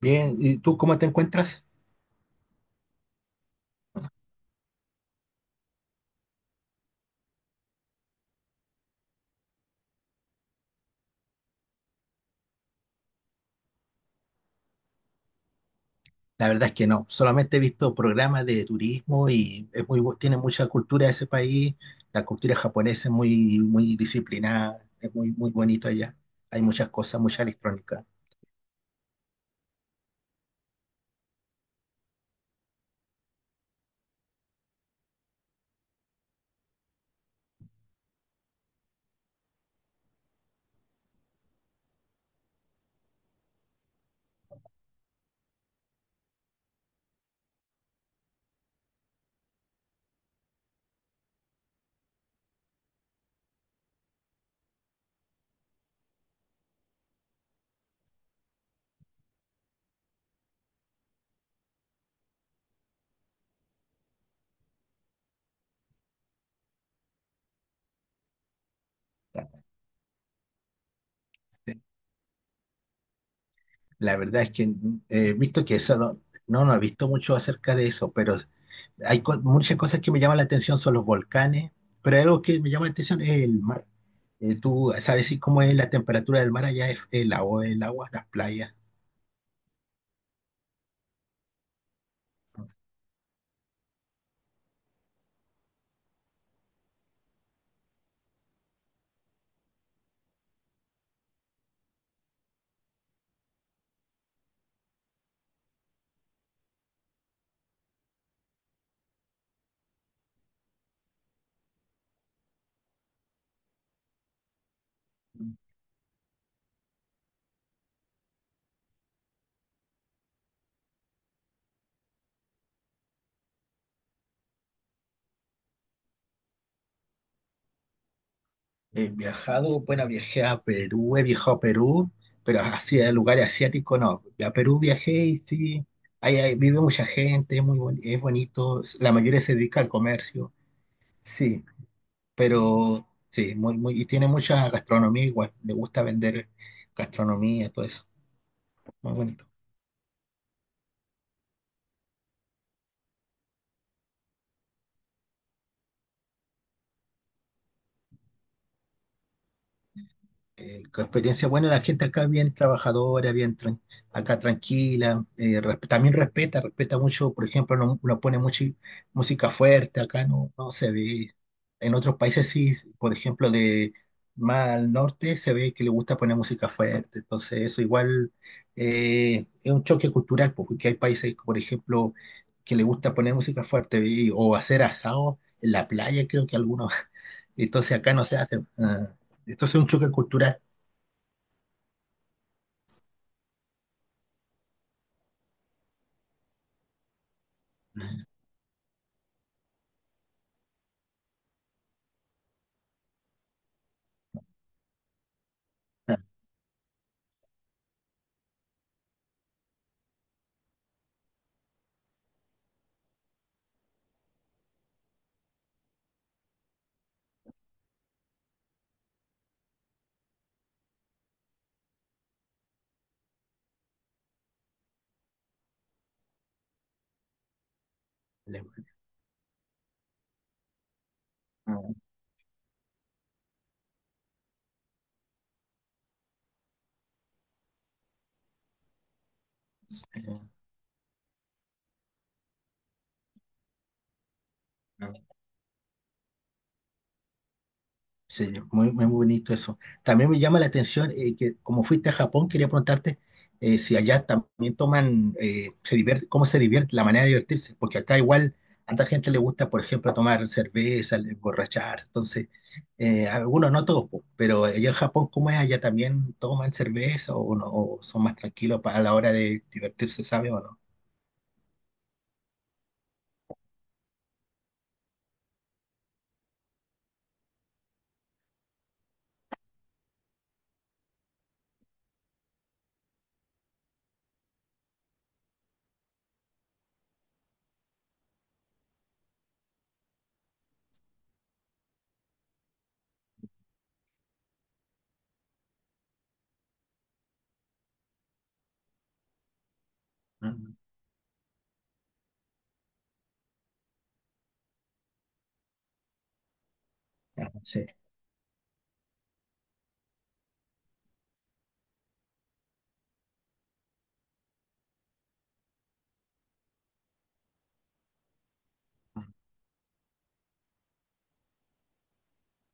Bien, ¿y tú cómo te encuentras? La verdad es que no, solamente he visto programas de turismo y es muy, tiene mucha cultura ese país. La cultura japonesa es muy, muy disciplinada, es muy, muy bonito allá. Hay muchas cosas, mucha electrónica. Sí. La verdad es que he visto que eso no, no, no he visto mucho acerca de eso, pero hay muchas cosas que me llaman la atención, son los volcanes, pero hay algo que me llama la atención es el mar. ¿Tú sabes si cómo es la temperatura del mar allá? ¿Es el agua, las playas? He viajado, bueno, viajé a Perú, he viajado a Perú, pero así a lugares asiáticos no. A Perú viajé y sí, ahí vive mucha gente, es muy boni- es bonito, la mayoría se dedica al comercio, sí, pero sí, muy, muy, y tiene mucha gastronomía igual, le gusta vender gastronomía, todo eso, muy bonito. Con experiencia buena, la gente acá es bien trabajadora, acá tranquila, también respeta mucho, por ejemplo, no pone mucha música fuerte, acá no se ve. En otros países sí, por ejemplo, de más al norte se ve que le gusta poner música fuerte, entonces eso igual es un choque cultural, po, porque hay países, por ejemplo, que le gusta poner música fuerte o hacer asado en la playa, creo que algunos, entonces acá no se hace. Ah, entonces es un choque cultural. Le- no, eh, no. Sí, muy, muy bonito eso. También me llama la atención que como fuiste a Japón, quería preguntarte si allá también toman, se divierte, cómo se divierte, la manera de divertirse, porque acá igual a tanta gente le gusta, por ejemplo, tomar cerveza, emborracharse, entonces, algunos no todos, po, pero allá en Japón, ¿cómo es? ¿Allá también toman cerveza o, no, o son más tranquilos a la hora de divertirse, sabe o no? Ah, ah, sí.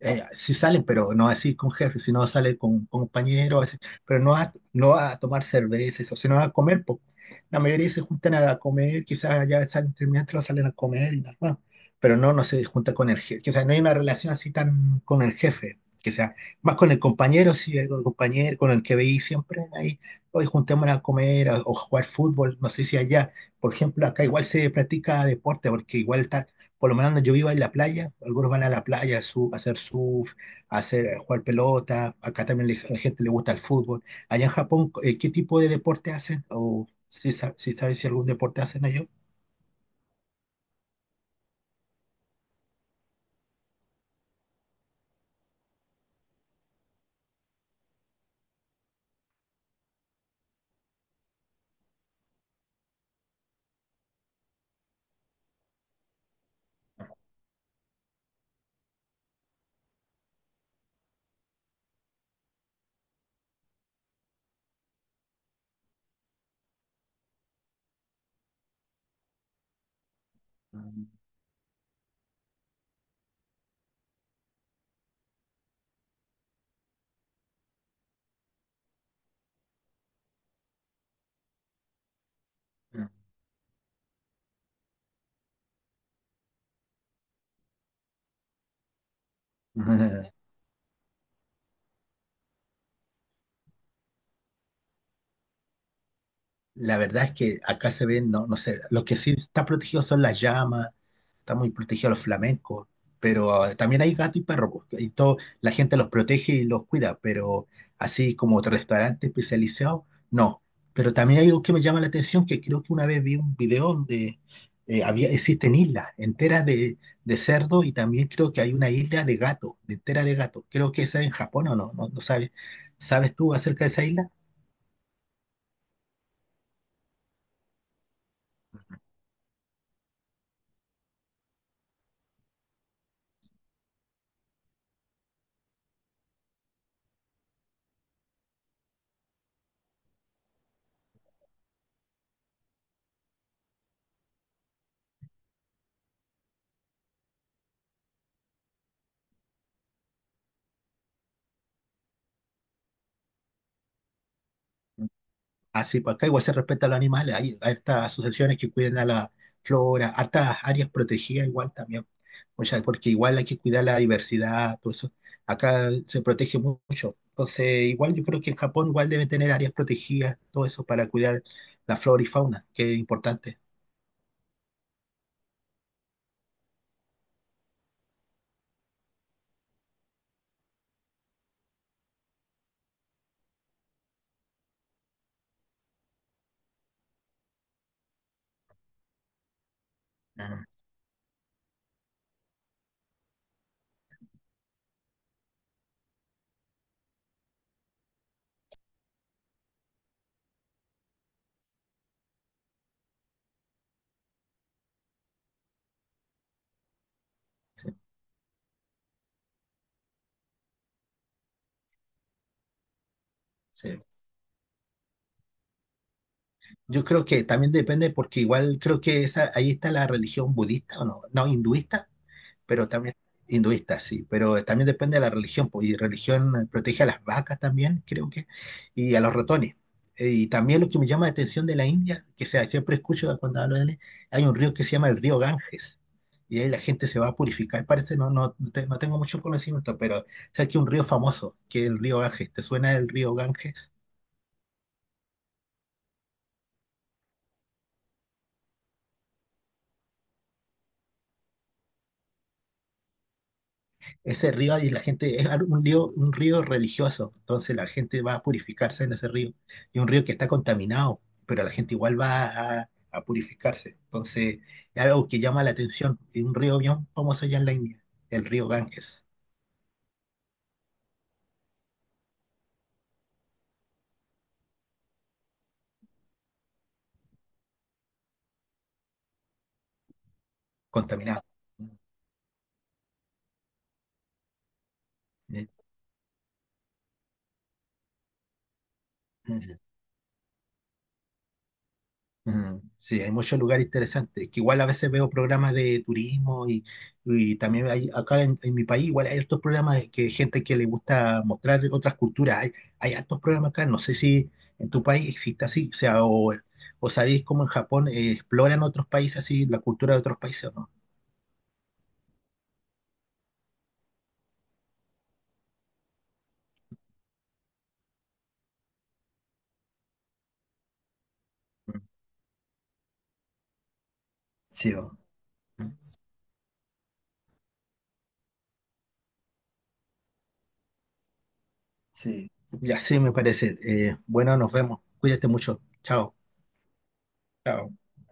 Sí salen, pero no así con jefes, sino sale con compañeros, así, pero no a tomar cerveza, eso, sino a comer. Po. La mayoría se juntan a comer, quizás ya salen terminando, salen a comer y nada más, pero no, no se junta con el jefe, o sea, no hay una relación así tan con el jefe, que sea más con el compañero, sí, con el compañero, con el que veí siempre ahí, hoy juntémonos a comer o jugar fútbol, no sé si allá, por ejemplo, acá igual se practica deporte, porque igual está por lo menos yo vivo en la playa, algunos van a la playa a hacer surf, a jugar pelota, acá también a la gente le gusta el fútbol. Allá en Japón, ¿qué tipo de deporte hacen? ¿O si sabes si algún deporte hacen ellos? Mm, mm. La verdad es que acá se ven, no, no sé, lo que sí está protegido son las llamas, está muy protegido los flamencos, pero también hay gato y perro, pues, y todo, la gente los protege y los cuida, pero así como otro restaurante especializado, no. Pero también hay algo que me llama la atención, que creo que una vez vi un video donde había, existen islas enteras de cerdo y también creo que hay una isla de gato, de entera de gato. Creo que esa es en Japón o no, no, no sabes. ¿Sabes tú acerca de esa isla? Así, pues acá igual se respeta a los animales, hay estas asociaciones que cuidan a la flora, hartas áreas protegidas igual también, o sea, porque igual hay que cuidar la diversidad, todo eso. Acá se protege mucho. Entonces, igual yo creo que en Japón igual deben tener áreas protegidas, todo eso para cuidar la flora y fauna, que es importante. Ah, sí. Yo creo que también depende porque igual creo que esa, ahí está la religión budista o no, no, hinduista. Pero también hinduista, sí, pero también depende de la religión, pues, y religión protege a las vacas también, creo que, y a los ratones. Y también lo que me llama la atención de la India, que sea, siempre escucho cuando hablo de él, hay un río que se llama el río Ganges, y ahí la gente se va a purificar, parece, no, no, no tengo mucho conocimiento, pero sabes que un río famoso, que es el río Ganges, ¿te suena el río Ganges? Ese río y la gente es un río, religioso, entonces la gente va a purificarse en ese río. Y un río que está contaminado, pero la gente igual va a purificarse. Entonces es algo que llama la atención. Y un río bien famoso allá en la India, el río Ganges, contaminado. Mm, mm. Mm, sí, hay muchos lugares interesantes, que igual a veces veo programas de turismo y también hay, acá en mi país igual hay estos programas de que gente que le gusta mostrar otras culturas, hay hartos programas acá, no sé si en tu país existe así, o sea, o sabéis cómo en Japón exploran otros países así, la cultura de otros países o no. Mm, sí, sí, ya sí me parece. Bueno, nos vemos, cuídate mucho, chao. Chao.